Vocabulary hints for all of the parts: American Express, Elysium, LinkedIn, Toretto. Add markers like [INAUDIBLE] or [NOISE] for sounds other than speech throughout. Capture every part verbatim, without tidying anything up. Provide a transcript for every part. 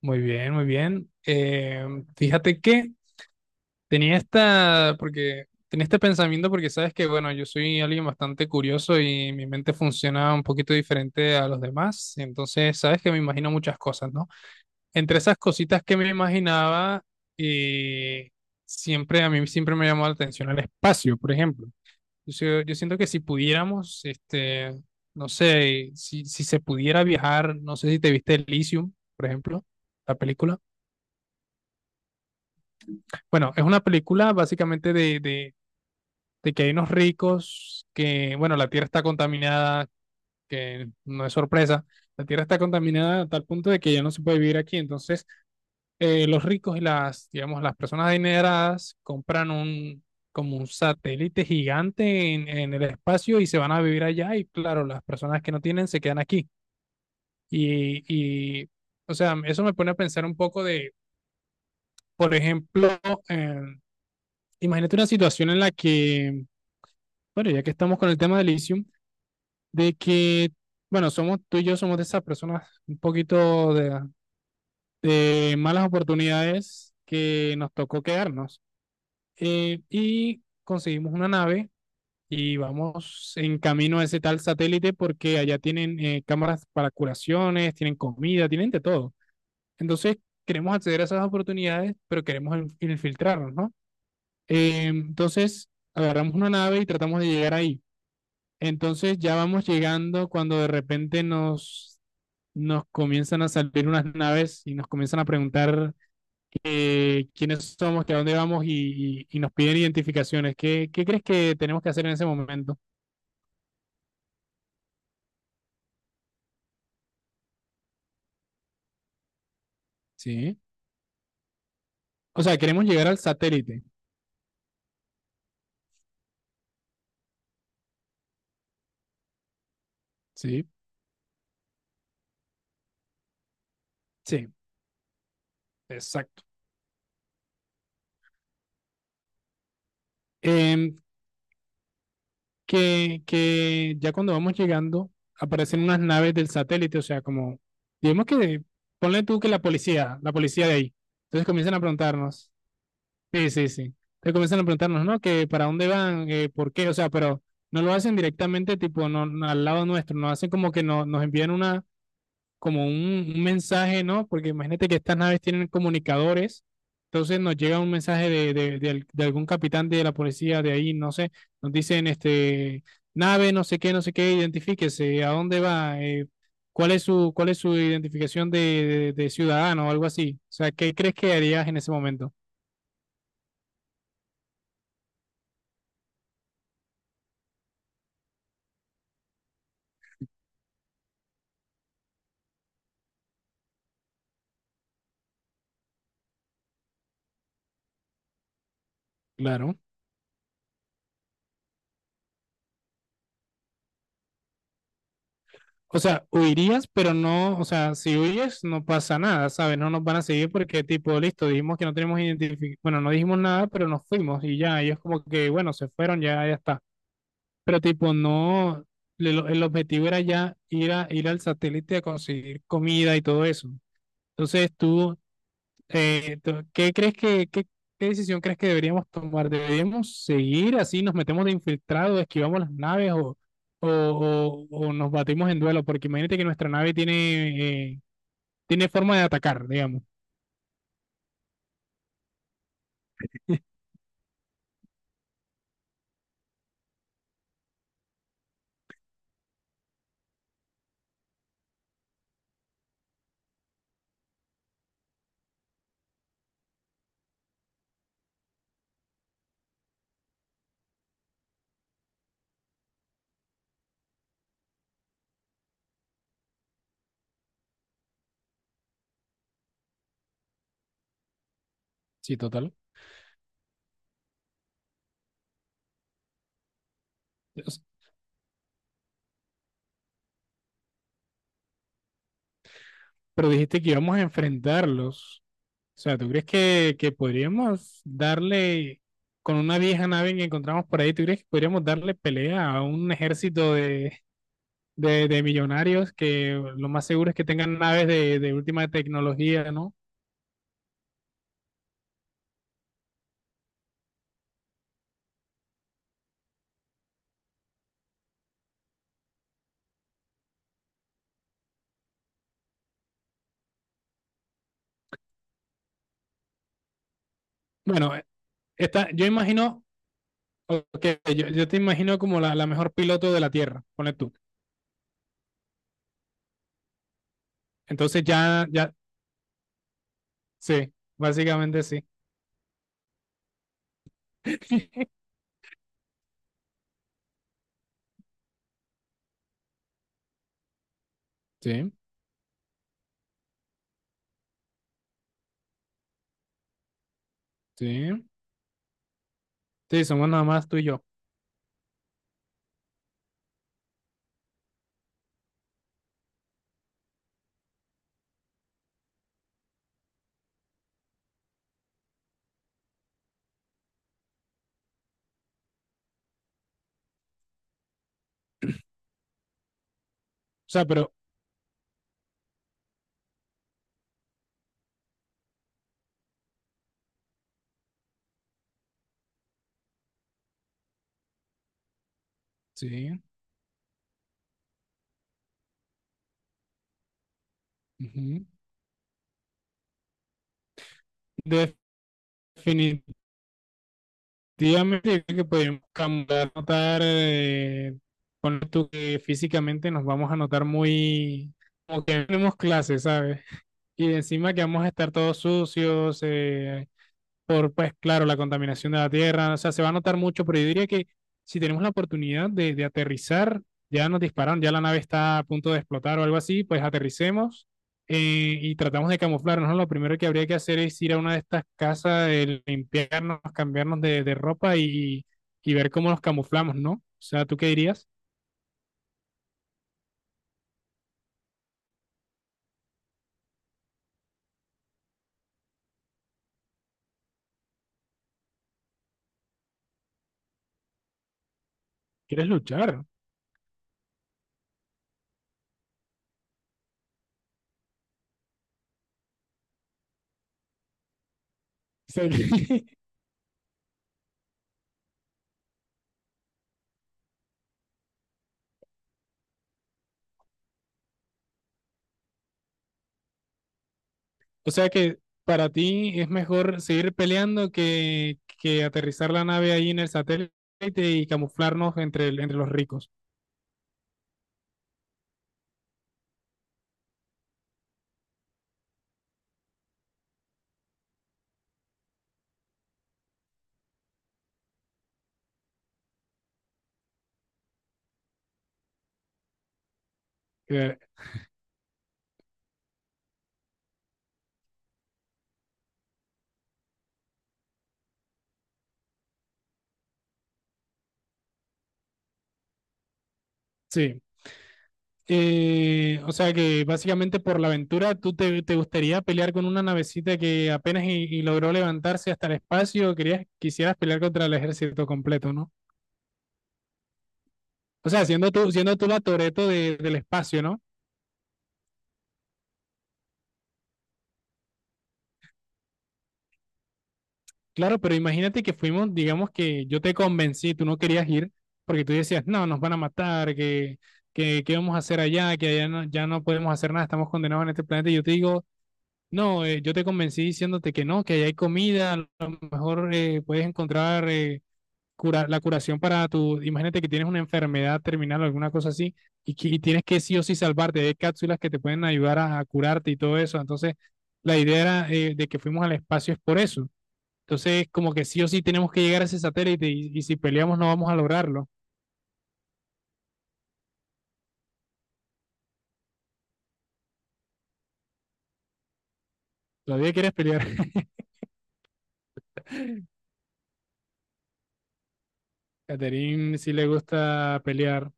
Muy bien, muy bien. Eh, fíjate que tenía esta, porque tenía este pensamiento porque sabes que, bueno, yo soy alguien bastante curioso y mi mente funciona un poquito diferente a los demás. Entonces, sabes que me imagino muchas cosas, ¿no? Entre esas cositas que me imaginaba, eh, siempre a mí siempre me llamó la atención el espacio, por ejemplo. Yo, sé- yo siento que si pudiéramos, este, no sé, si, si se pudiera viajar, no sé si te viste Elysium, por ejemplo, la película. Bueno, es una película básicamente de, de, de que hay unos ricos que, bueno, la tierra está contaminada, que no es sorpresa, la tierra está contaminada a tal punto de que ya no se puede vivir aquí. Entonces, eh, los ricos y las, digamos, las personas adineradas compran un, como un satélite gigante en, en el espacio y se van a vivir allá y claro, las personas que no tienen se quedan aquí. Y, y o sea, eso me pone a pensar un poco de, por ejemplo, eh, imagínate una situación en la que bueno, ya que estamos con el tema del Elysium, de que, bueno, somos tú y yo somos de esas personas un poquito de, de malas oportunidades que nos tocó quedarnos. Eh, y conseguimos una nave y vamos en camino a ese tal satélite porque allá tienen eh, cámaras para curaciones, tienen comida, tienen de todo. Entonces, queremos acceder a esas oportunidades, pero queremos in- infiltrarnos, ¿no? Eh, entonces, agarramos una nave y tratamos de llegar ahí. Entonces ya vamos llegando cuando de repente nos, nos comienzan a salir unas naves y nos comienzan a preguntar eh, quiénes somos, que a dónde vamos y, y- y nos piden identificaciones. ¿Qué, qué crees que tenemos que hacer en ese momento? Sí. O sea, queremos llegar al satélite. Sí. Sí, exacto. Em, que, que ya cuando vamos llegando aparecen unas naves del satélite, o sea, como, digamos que, ponle tú que la policía, la policía de ahí. Entonces comienzan a preguntarnos. Sí, sí, sí. Te comienzan a preguntarnos, ¿no? Que para dónde van, que por qué, o sea, pero no lo hacen directamente, tipo, no, no al lado nuestro, no hacen como que no, nos envían una, como un, un mensaje, ¿no? Porque imagínate que estas naves tienen comunicadores, entonces nos llega un mensaje de, de, de al- de algún capitán de la policía de ahí, no sé, nos dicen, este, nave, no sé qué, no sé qué, identifíquese, ¿a dónde va? Eh, ¿cuál es su, cuál es su identificación de, de de ciudadano o algo así? O sea, ¿qué crees que harías en ese momento? Claro. O sea, huirías, pero no, o sea, si huyes no pasa nada, ¿sabes? No nos van a seguir porque tipo, listo, dijimos que no tenemos identificación, bueno, no dijimos nada, pero nos fuimos y ya, ellos como que, bueno, se fueron, ya, ya está. Pero tipo, no, el, el objetivo era ya ir a, ir al satélite a conseguir comida y todo eso. Entonces tú eh, tú- ¿qué crees que, qué, qué decisión crees que deberíamos tomar? ¿Deberíamos seguir así, nos metemos de infiltrado, esquivamos las naves o, o, o- o nos batimos en duelo? Porque imagínate que nuestra nave tiene, eh, tiene forma de atacar, digamos. Sí, total. Es- Pero dijiste que íbamos a enfrentarlos. O sea, ¿tú crees que, que podríamos darle con una vieja nave que encontramos por ahí? ¿Tú crees que podríamos darle pelea a un ejército de de, de millonarios que lo más seguro es que tengan naves de, de última tecnología, ¿no? Bueno, esta, yo imagino, ok, yo, yo te imagino como la, la mejor piloto de la Tierra, ponle tú. Entonces ya, ya, sí, básicamente sí. [LAUGHS] Sí, sí, sí, somos nada más tú y yo. O sea, pero sí. Ujú. Definitivamente yo creo que podemos cambiar, notar, eh, ponle tú que físicamente nos vamos a notar muy, como que no tenemos clases, ¿sabes? Y encima que vamos a estar todos sucios, eh, por, pues claro, la contaminación de la tierra, o sea, se va a notar mucho, pero yo diría que si tenemos la oportunidad de, de aterrizar, ya nos dispararon, ya la nave está a punto de explotar o algo así, pues aterricemos, eh, y tratamos de camuflarnos, ¿no? Lo primero que habría que hacer es ir a una de estas casas, eh, limpiarnos, cambiarnos de, de ropa y, y ver cómo nos camuflamos, ¿no? O sea, ¿tú qué dirías? ¿Quieres luchar? O sea, [LAUGHS] o sea que para ti es mejor seguir peleando que, que aterrizar la nave ahí en el satélite y camuflarnos entre, el- entre los ricos. Eh, sí. Eh, o sea que básicamente por la aventura, ¿tú te, te gustaría pelear con una navecita que apenas y, y logró levantarse hasta el espacio? Querías, quisieras pelear contra el ejército completo, ¿no? O sea, siendo tú, siendo tú la Toretto de- del espacio, ¿no? Claro, pero imagínate que fuimos, digamos que yo te convencí, tú no querías ir, porque tú decías, no, nos van a matar, que, que, ¿qué vamos a hacer allá? Que allá no, ya no podemos hacer nada, estamos condenados en este planeta. Y yo te digo, no, eh, yo te convencí diciéndote que no, que allá hay comida, a lo mejor eh, puedes encontrar eh, cura- la curación para tu, imagínate que tienes una enfermedad terminal o alguna cosa así, y, que- y tienes que sí o sí salvarte, hay cápsulas que te pueden ayudar a, a curarte y todo eso. Entonces, la idea era, eh, de que fuimos al espacio es por eso, entonces, como que sí o sí tenemos que llegar a ese satélite y, y si peleamos no vamos a lograrlo. Todavía quieres pelear. [LAUGHS] Catherine sí le gusta pelear.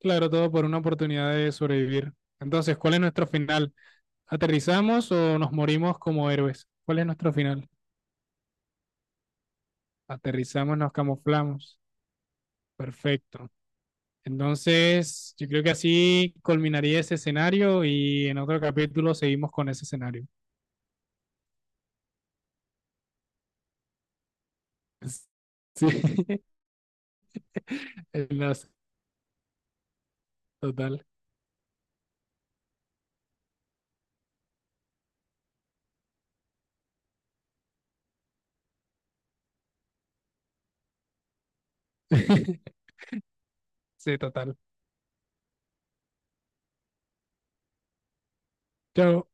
Claro, todo por una oportunidad de sobrevivir. Entonces, ¿cuál es nuestro final? ¿Aterrizamos o nos morimos como héroes? ¿Cuál es nuestro final? Aterrizamos, nos camuflamos. Perfecto. Entonces, yo creo que así culminaría ese escenario y en otro capítulo seguimos con ese escenario. [LAUGHS] Sí, [LAUGHS] enlace, total. [LAUGHS] Sí, total. Chao.